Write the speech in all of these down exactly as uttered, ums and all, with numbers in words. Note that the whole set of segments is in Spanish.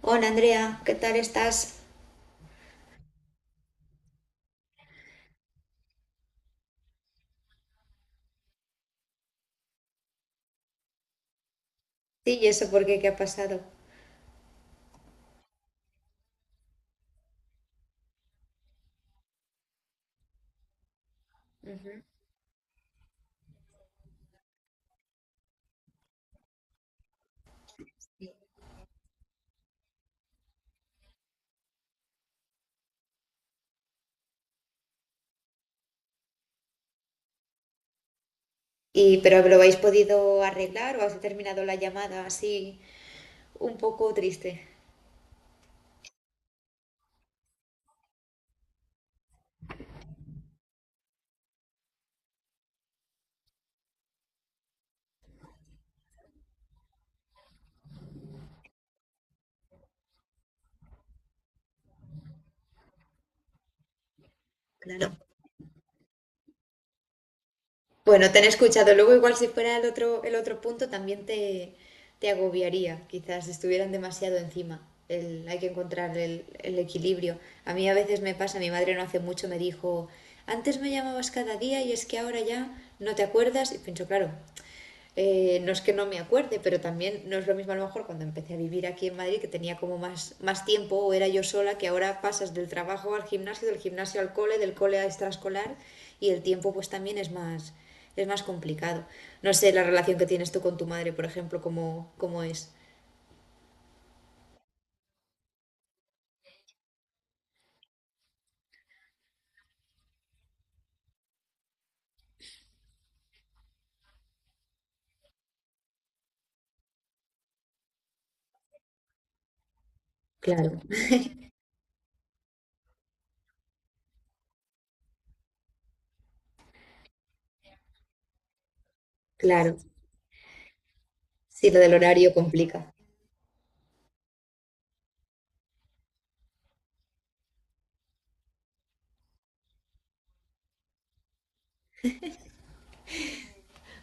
Hola Andrea, ¿qué tal estás? Sí, ¿y eso por qué? ¿Qué ha pasado? Ujú. Y, pero lo habéis podido arreglar o has terminado la llamada así un poco triste. Claro. Bueno, te han escuchado. Luego igual si fuera el otro, el otro punto también te, te agobiaría. Quizás estuvieran demasiado encima. El- hay que encontrar el, el equilibrio. A mí a veces me pasa, mi madre no hace mucho me dijo, antes me llamabas cada día y es que ahora ya no te acuerdas. Y pienso, claro, Eh, no es que no me acuerde, pero también no es lo mismo a lo mejor cuando empecé a vivir aquí en Madrid, que tenía como más, más tiempo o era yo sola, que ahora pasas del trabajo al gimnasio, del gimnasio al cole, del cole a extraescolar y el tiempo pues también es más, es más complicado. No sé la relación que tienes tú con tu madre, por ejemplo, cómo, cómo es. Claro, claro. Sí, lo del horario complica.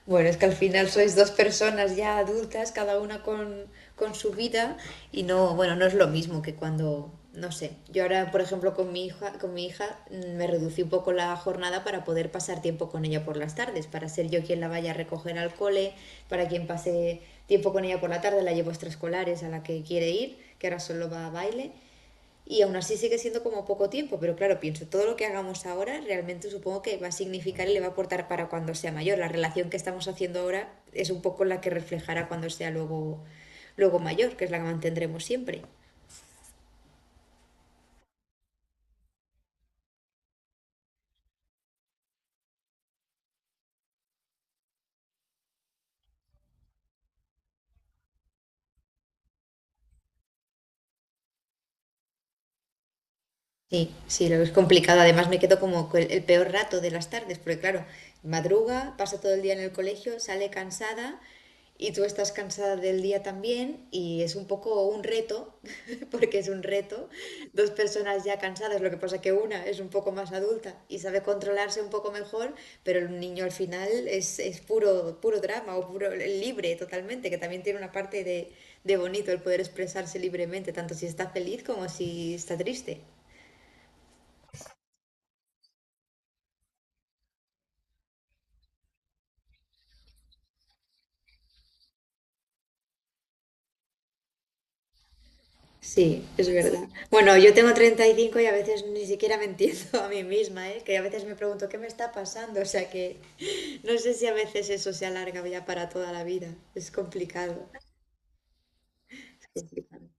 Bueno, es que al final sois dos personas ya adultas, cada una con, con su vida, y no, bueno, no es lo mismo que cuando, no sé, yo ahora, por ejemplo, con mi hija, con mi hija mm, me reducí un poco la jornada para poder pasar tiempo con ella por las tardes, para ser yo quien la vaya a recoger al cole, para quien pase tiempo con ella por la tarde, la llevo a extraescolares a la que quiere ir, que ahora solo va a baile, y aún así sigue siendo como poco tiempo, pero claro, pienso, todo lo que hagamos ahora realmente supongo que va a significar y le va a aportar para cuando sea mayor. La relación que estamos haciendo ahora es un poco la que reflejará cuando sea luego, luego mayor, que es la que mantendremos siempre. Sí, sí, lo es complicado. Además, me quedo como con el, el peor rato de las tardes, porque claro, madruga, pasa todo el día en el colegio, sale cansada y tú estás cansada del día también y es un poco un reto, porque es un reto. Dos personas ya cansadas, lo que pasa que una es un poco más adulta y sabe controlarse un poco mejor, pero el niño al final es, es puro, puro drama o puro libre totalmente, que también tiene una parte de, de bonito el poder expresarse libremente, tanto si está feliz como si está triste. Sí, es verdad. Bueno, yo tengo treinta y cinco y a veces ni siquiera me entiendo a mí misma, ¿eh? Que a veces me pregunto qué me está pasando. O sea que no sé si a veces eso se alarga ya para toda la vida. Es complicado. Es complicado.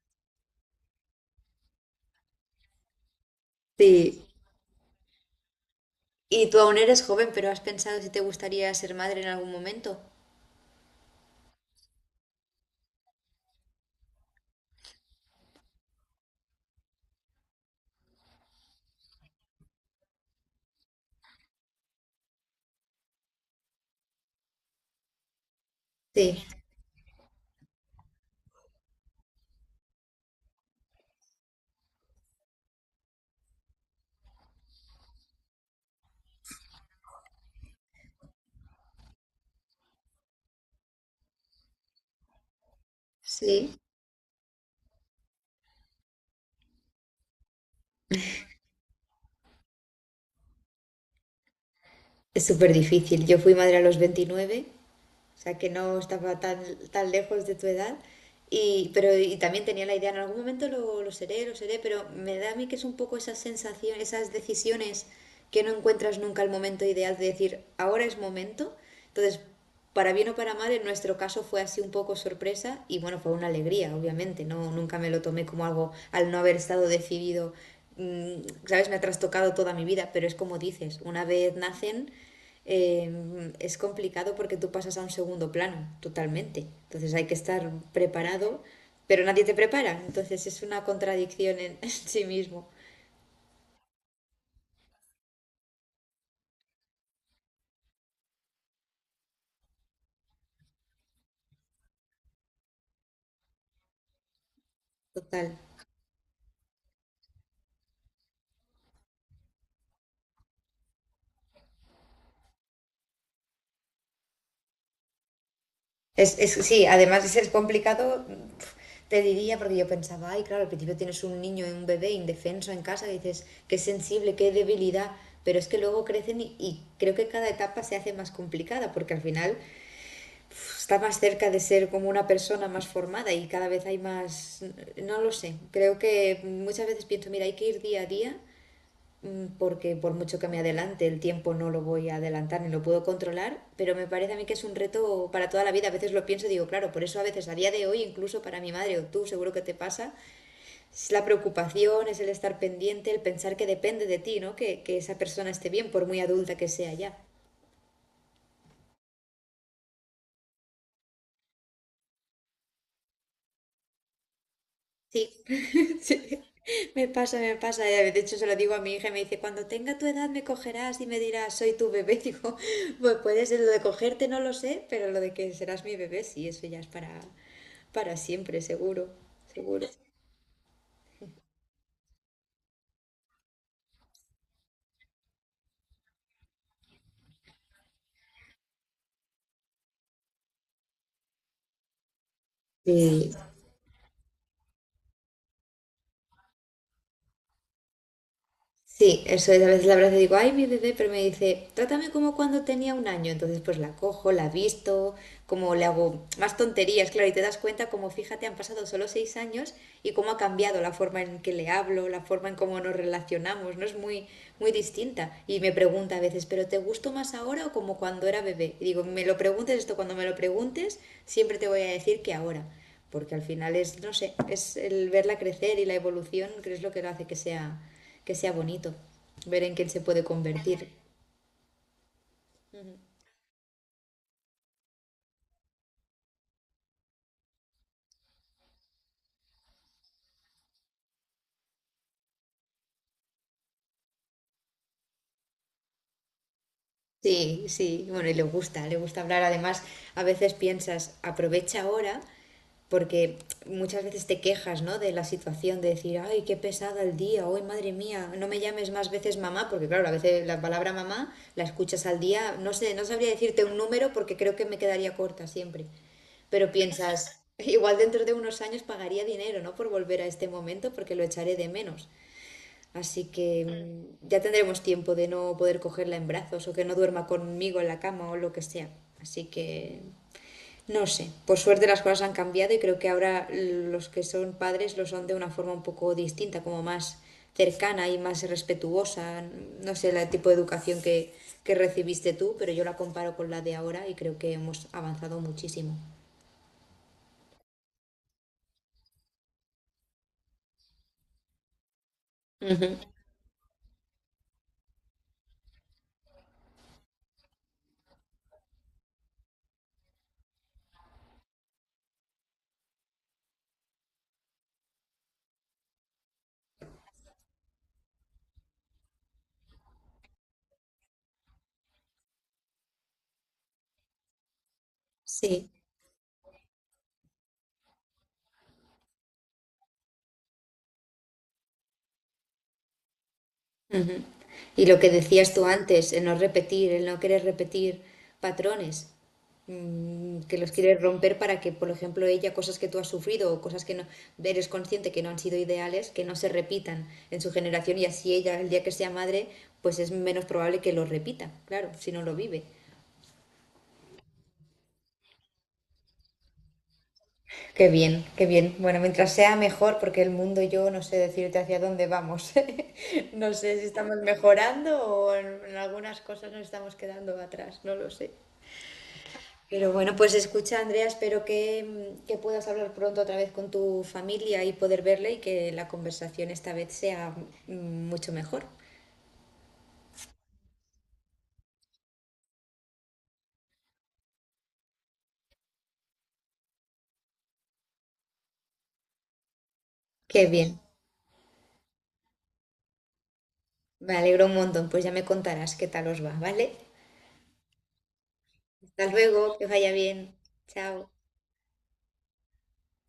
Sí. Y tú aún eres joven, pero ¿has pensado si te gustaría ser madre en algún momento? Sí, sí. Es súper difícil. Yo fui madre a los veintinueve, o sea que no estaba tan, tan lejos de tu edad. Y, pero, y también tenía la idea, en algún momento lo, lo seré, lo seré, pero me da a mí que es un poco esa sensación, esas decisiones que no encuentras nunca el momento ideal de decir, ahora es momento. Entonces, para bien o para mal, en nuestro caso fue así un poco sorpresa y bueno, fue una alegría, obviamente, no nunca me lo tomé como algo al no haber estado decidido, mm, sabes, me ha trastocado toda mi vida, pero es como dices, una vez nacen, eh, es complicado porque tú pasas a un segundo plano totalmente. Entonces hay que estar preparado, pero nadie te prepara. Entonces es una contradicción en, sí mismo, total. Es, es, sí, además es, es complicado, te diría, porque yo pensaba, ay, claro, al principio tienes un niño, un bebé indefenso en casa, y dices, qué sensible, qué debilidad, pero es que luego crecen y, y creo que cada etapa se hace más complicada, porque al final está más cerca de ser como una persona más formada y cada vez hay más, no lo sé, creo que muchas veces pienso, mira, hay que ir día a día mm, porque por mucho que me adelante el tiempo no lo voy a adelantar ni lo puedo controlar, pero me parece a mí que es un reto para toda la vida, a veces lo pienso y digo, claro, por eso a veces a día de hoy, incluso para mi madre o tú, seguro que te pasa, es la preocupación, es el estar pendiente, el pensar que depende de ti, ¿no? Que, que esa persona esté bien, por muy adulta que sea ya. Sí, sí, me pasa, me pasa. Y a veces... De hecho, se lo digo a mi hija y me dice, cuando tenga tu edad me cogerás y me dirás, soy tu bebé. Digo, pues puede ser lo de cogerte, no lo sé, pero lo de que serás mi bebé, sí, eso ya es para, para siempre, seguro, seguro. Sí, sí, eso es. A veces la abrazo y digo, ay, mi bebé, pero me dice, trátame como cuando tenía un año. Entonces, pues la cojo, la visto, como le hago más tonterías, claro, y te das cuenta como, fíjate, han pasado solo seis años y cómo ha cambiado la forma en que le hablo, la forma en cómo nos relacionamos, ¿no? Es muy, muy distinta. Y me pregunta a veces, ¿pero te gusto más ahora o como cuando era bebé? Y digo, me lo preguntes esto, cuando me lo preguntes, siempre te voy a decir que ahora porque al final es, no sé, es el verla crecer y la evolución, que es lo que lo hace que sea, que sea bonito, ver en quién se puede convertir. Sí, sí, bueno, y le gusta, le gusta hablar. Además, a veces piensas, aprovecha ahora, porque muchas veces te quejas, ¿no? De la situación, de decir, ay, qué pesada el día, hoy, madre mía, no me llames más veces mamá, porque claro, a veces la palabra mamá la escuchas al día, no sé, no sabría decirte un número porque creo que me quedaría corta siempre. Pero piensas, igual dentro de unos años pagaría dinero, ¿no? Por volver a este momento porque lo echaré de menos. Así que mm, ya tendremos tiempo de no poder cogerla en brazos o que no duerma conmigo en la cama o lo que sea. Así que no sé. Por suerte las cosas han cambiado y creo que ahora los que son padres lo son de una forma un poco distinta, como más cercana y más respetuosa. No sé el tipo de educación que, que recibiste tú, pero yo la comparo con la de ahora y creo que hemos avanzado muchísimo. Ujú. Sí. Y lo que decías tú antes, el no repetir, el no querer repetir patrones, mm, que los quieres romper para que, por ejemplo, ella, cosas que tú has sufrido o cosas que no eres consciente que no han sido ideales, que no se repitan en su generación y así ella, el día que sea madre, pues es menos probable que lo repita, claro, si no lo vive. Qué bien, qué bien. Bueno, mientras sea mejor, porque el mundo yo no sé decirte hacia dónde vamos. No sé si estamos mejorando o en en algunas cosas nos estamos quedando atrás, no lo sé. Pero bueno, pues escucha, Andrea, espero que, mm, que puedas hablar pronto otra vez con tu familia y poder verle y que la conversación esta vez sea mm, mucho mejor. Qué bien, me alegro un montón, pues ya me contarás qué tal os va, ¿vale? Hasta luego, que vaya bien, chao.